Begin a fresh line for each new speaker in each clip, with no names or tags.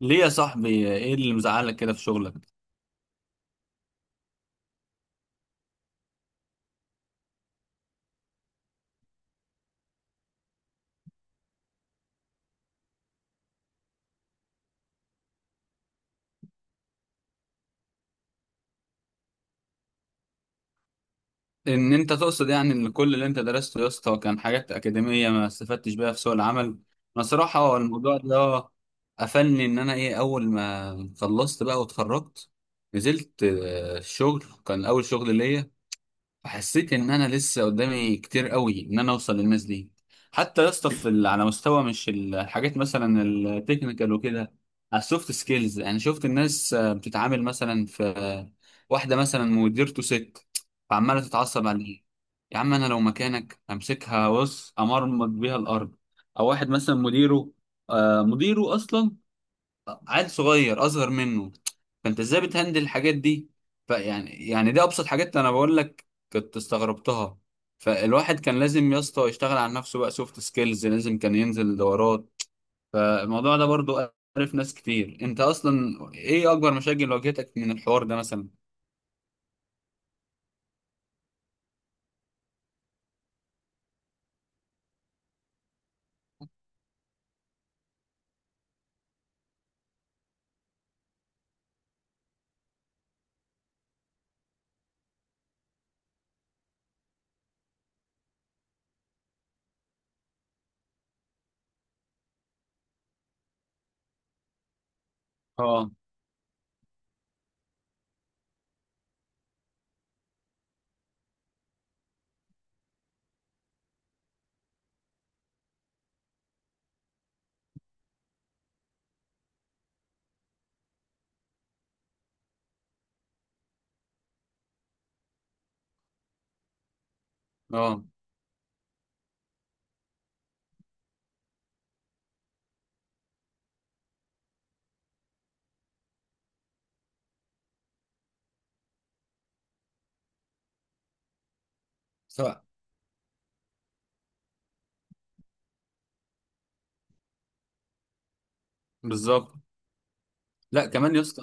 ليه يا صاحبي، ايه اللي مزعلك كده في شغلك؟ ان انت تقصد يعني ان كل اللي انت درسته يا اسطى كان حاجات اكاديميه ما استفدتش بيها في سوق العمل. انا صراحه هو الموضوع ده قفلني. ان انا ايه، اول ما خلصت بقى واتخرجت نزلت الشغل، كان اول شغل ليا. حسيت ان انا لسه قدامي كتير قوي ان انا اوصل للناس دي. حتى يا اسطى على مستوى، مش الحاجات مثلا التكنيكال وكده، على السوفت سكيلز. يعني شفت الناس بتتعامل مثلا في آه، واحده مثلا مديرته ست، فعماله تتعصب عليه. يا عم انا لو مكانك امسكها، بص، امرمط بيها الارض. او واحد مثلا مديره، مديره اصلا عيل صغير اصغر منه، فانت ازاي بتهندل الحاجات دي؟ فيعني دي ابسط حاجات انا بقول لك، كنت استغربتها. فالواحد كان لازم يا اسطى يشتغل على نفسه بقى، سوفت سكيلز لازم كان ينزل دورات. فالموضوع ده برضو عرف ناس كتير. انت اصلا ايه اكبر مشاكل واجهتك من الحوار ده مثلا؟ اه، اه، سواء، بالظبط. لا كمان يا اسطى،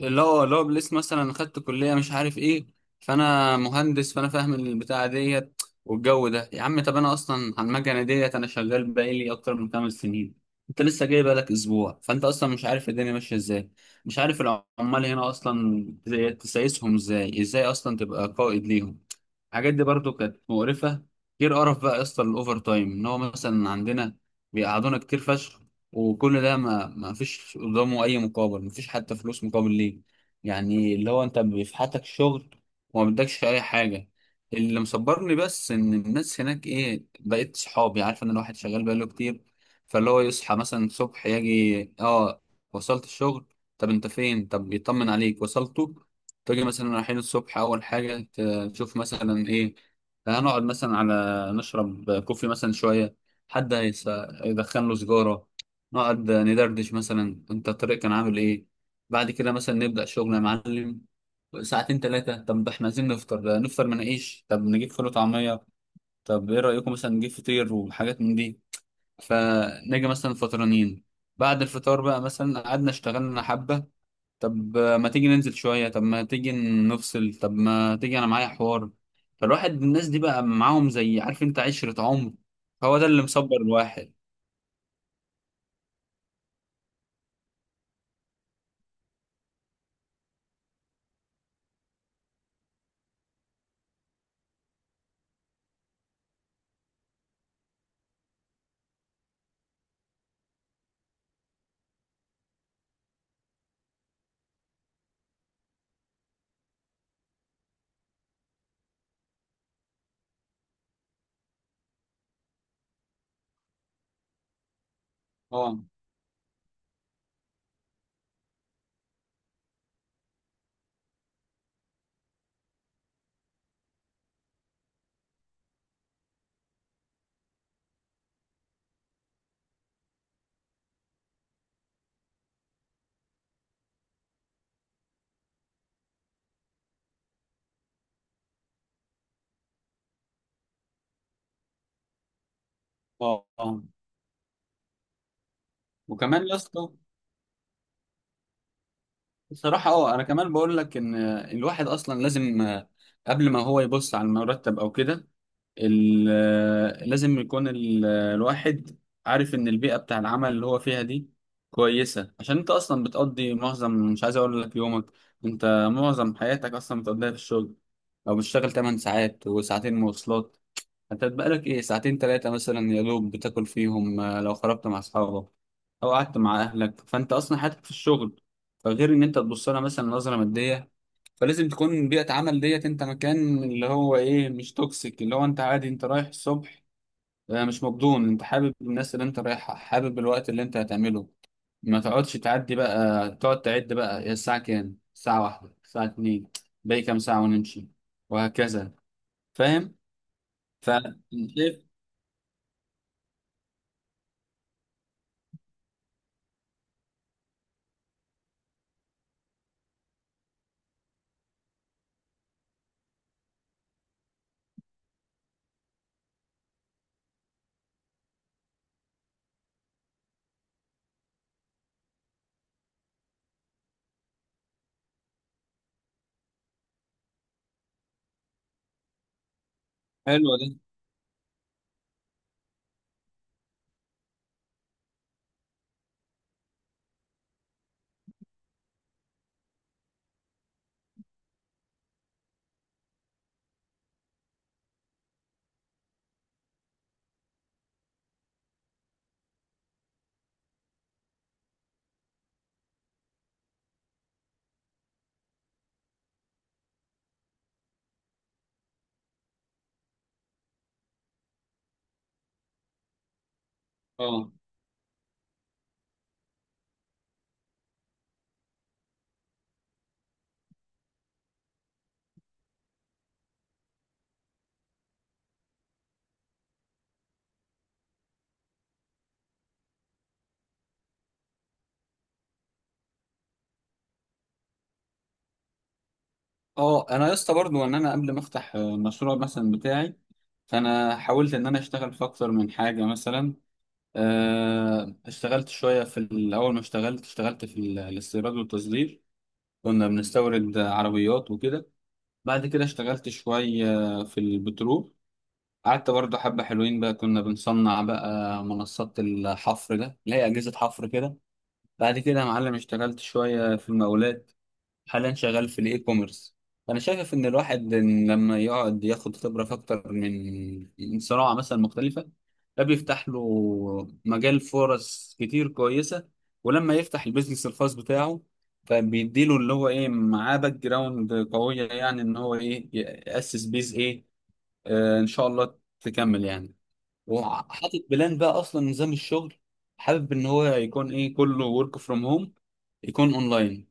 اللي هو لسه مثلا خدت كلية مش عارف ايه، فانا مهندس، فانا فاهم البتاعة ديت والجو ده. يا عم طب انا اصلا على المكنة ديت انا شغال بقالي اكتر من 5 سنين، انت لسه جاي بقالك اسبوع، فانت اصلا مش عارف الدنيا ماشية ازاي، مش عارف العمال هنا اصلا تسايسهم ازاي، ازاي اصلا تبقى قائد ليهم. الحاجات دي برضو كانت مقرفة. غير قرف بقى يا اسطى الاوفر تايم، ان هو مثلا عندنا بيقعدونا كتير فشخ، وكل ده ما فيش قدامه اي مقابل، ما فيش حتى فلوس مقابل ليه. يعني اللي هو انت بيفحتك شغل وما بدكش اي حاجه. اللي مصبرني بس ان الناس هناك ايه، بقيت صحابي، عارف ان الواحد شغال بقاله كتير. فاللي هو يصحى مثلا الصبح يجي، اه وصلت الشغل؟ طب انت فين؟ طب يطمن عليك وصلته. تيجي مثلا رايحين الصبح، اول حاجه تشوف مثلا ايه، هنقعد مثلا على نشرب كوفي مثلا شويه، حد هيس- يدخن له سيجاره، نقعد ندردش مثلا انت الطريق كان عامل ايه. بعد كده مثلا نبدأ شغل يا معلم ساعتين ثلاثة. طب احنا عايزين نفطر، نفطر مناقيش، طب نجيب فول وطعمية، طب ايه رأيكم مثلا نجيب فطير وحاجات من دي؟ فنيجي مثلا فطرانين. بعد الفطار بقى مثلا قعدنا اشتغلنا حبة. طب ما تيجي ننزل شوية، طب ما تيجي نفصل، طب ما تيجي انا معايا حوار. فالواحد الناس دي بقى معاهم زي، عارف انت، عشرة عمر. هو ده اللي مصبر الواحد. اه، اه، اه. وكمان يا اسطى بصراحة، اه انا كمان بقول لك ان الواحد اصلا لازم، قبل ما هو يبص على المرتب او كده، لازم يكون الواحد عارف ان البيئة بتاع العمل اللي هو فيها دي كويسة. عشان انت اصلا بتقضي معظم، مش عايز اقول لك يومك، انت معظم حياتك اصلا بتقضيها في الشغل، او بتشتغل 8 ساعات وساعتين مواصلات، انت بقالك ايه ساعتين تلاتة مثلا يا دوب بتاكل فيهم. لو خرجت مع اصحابك او قعدت مع اهلك، فانت اصلا حياتك في الشغل. فغير ان انت تبص لها مثلا نظرة مادية، فلازم تكون بيئة عمل ديت انت مكان اللي هو ايه، مش توكسيك، اللي هو انت عادي انت رايح الصبح مش مبدون، انت حابب الناس اللي انت رايحها، حابب الوقت اللي انت هتعمله، ما تقعدش تعدي بقى، تقعد تعد بقى هي الساعة كام، الساعة واحدة، الساعة اتنين، باقي كام ساعة ونمشي، وهكذا. فاهم؟ ف شايف؟ حلو. اه اه. انا يا اسطى برضه، ان انا قبل ما افتح المشروع مثلا بتاعي، فانا حاولت ان انا اشتغل في اكتر من حاجه مثلا. اشتغلت شويه في الاول، ما اشتغلت اشتغلت في الاستيراد والتصدير، كنا بنستورد عربيات وكده. بعد كده اشتغلت شويه في البترول، قعدت برضه حبه حلوين بقى، كنا بنصنع بقى منصات الحفر، ده اللي هي اجهزه حفر كده. بعد كده يا معلم اشتغلت شويه في المقاولات. حاليا شغال في الاي كوميرس. انا شايف ان الواحد، إن لما يقعد ياخد خبره في اكتر من صناعه مثلا مختلفه، ده بيفتح له مجال فرص كتير كويسه، ولما يفتح البيزنس الخاص بتاعه، فبيديله اللي هو ايه، معاه باك جراوند قويه يعني، ان هو ايه، ياسس بيز ايه. آه ان شاء الله تكمل يعني، وحاطط بلان بقى اصلا نظام الشغل. حابب ان هو يكون ايه، كله ورك فروم هوم، يكون اونلاين،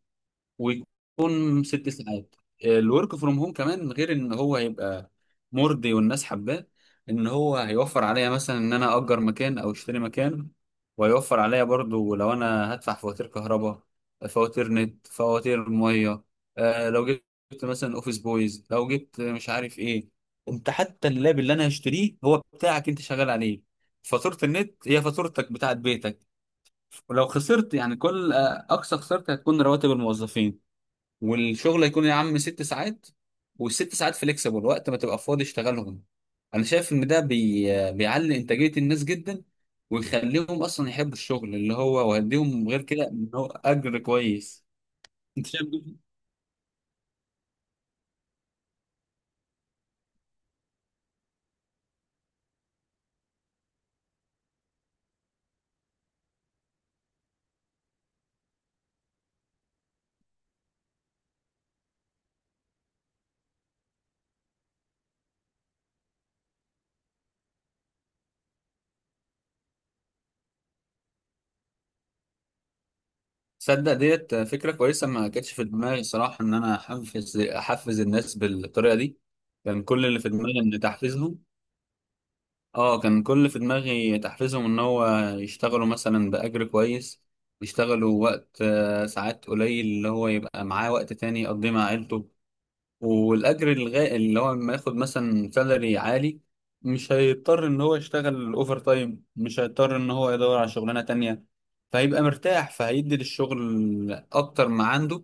ويكون 6 ساعات. الورك فروم هوم كمان، غير ان هو هيبقى مرضي والناس حباه، ان هو هيوفر عليا مثلا ان انا اجر مكان او اشتري مكان، وهيوفر عليا برضو لو انا هدفع فواتير كهرباء، فواتير نت، فواتير ميه. آه لو جبت مثلا اوفيس بويز، لو جبت مش عارف ايه. انت حتى اللاب اللي انا هشتريه هو بتاعك، انت شغال عليه، فاتورة النت هي فاتورتك بتاعت بيتك. ولو خسرت يعني كل، اقصى خسارتي هتكون رواتب الموظفين. والشغل هيكون يا عم 6 ساعات، والست ساعات فليكسبل، وقت ما تبقى فاضي اشتغلهم. انا شايف ان ده بيعلي انتاجية الناس جدا، ويخليهم اصلا يحبوا الشغل اللي هو، ويديهم غير كده ان هو اجر كويس. انت شايف ده؟ تصدق ديت فكرة كويسة، ما كانتش في دماغي صراحة ان انا احفز الناس بالطريقة دي. كان كل اللي في دماغي ان تحفيزهم، اه كان كل اللي في دماغي تحفيزهم ان هو يشتغلوا مثلا بأجر كويس، يشتغلوا وقت ساعات قليل، اللي هو يبقى معاه وقت تاني يقضيه مع عيلته. اللي هو لما ياخد مثلا سالري عالي، مش هيضطر ان هو يشتغل اوفر تايم، مش هيضطر ان هو يدور على شغلانه تانية، فهيبقى مرتاح، فهيدي للشغل اكتر ما عنده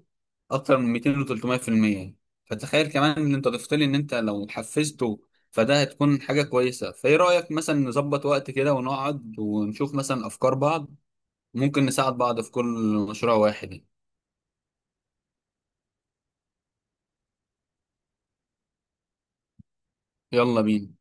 اكتر من 200 و 300% يعني. فتخيل كمان ان انت ضفت لي ان انت لو حفزته، فده هتكون حاجه كويسه. فايه رايك مثلا نظبط وقت كده ونقعد ونشوف مثلا افكار بعض، ممكن نساعد بعض في كل مشروع واحد. يلا بينا.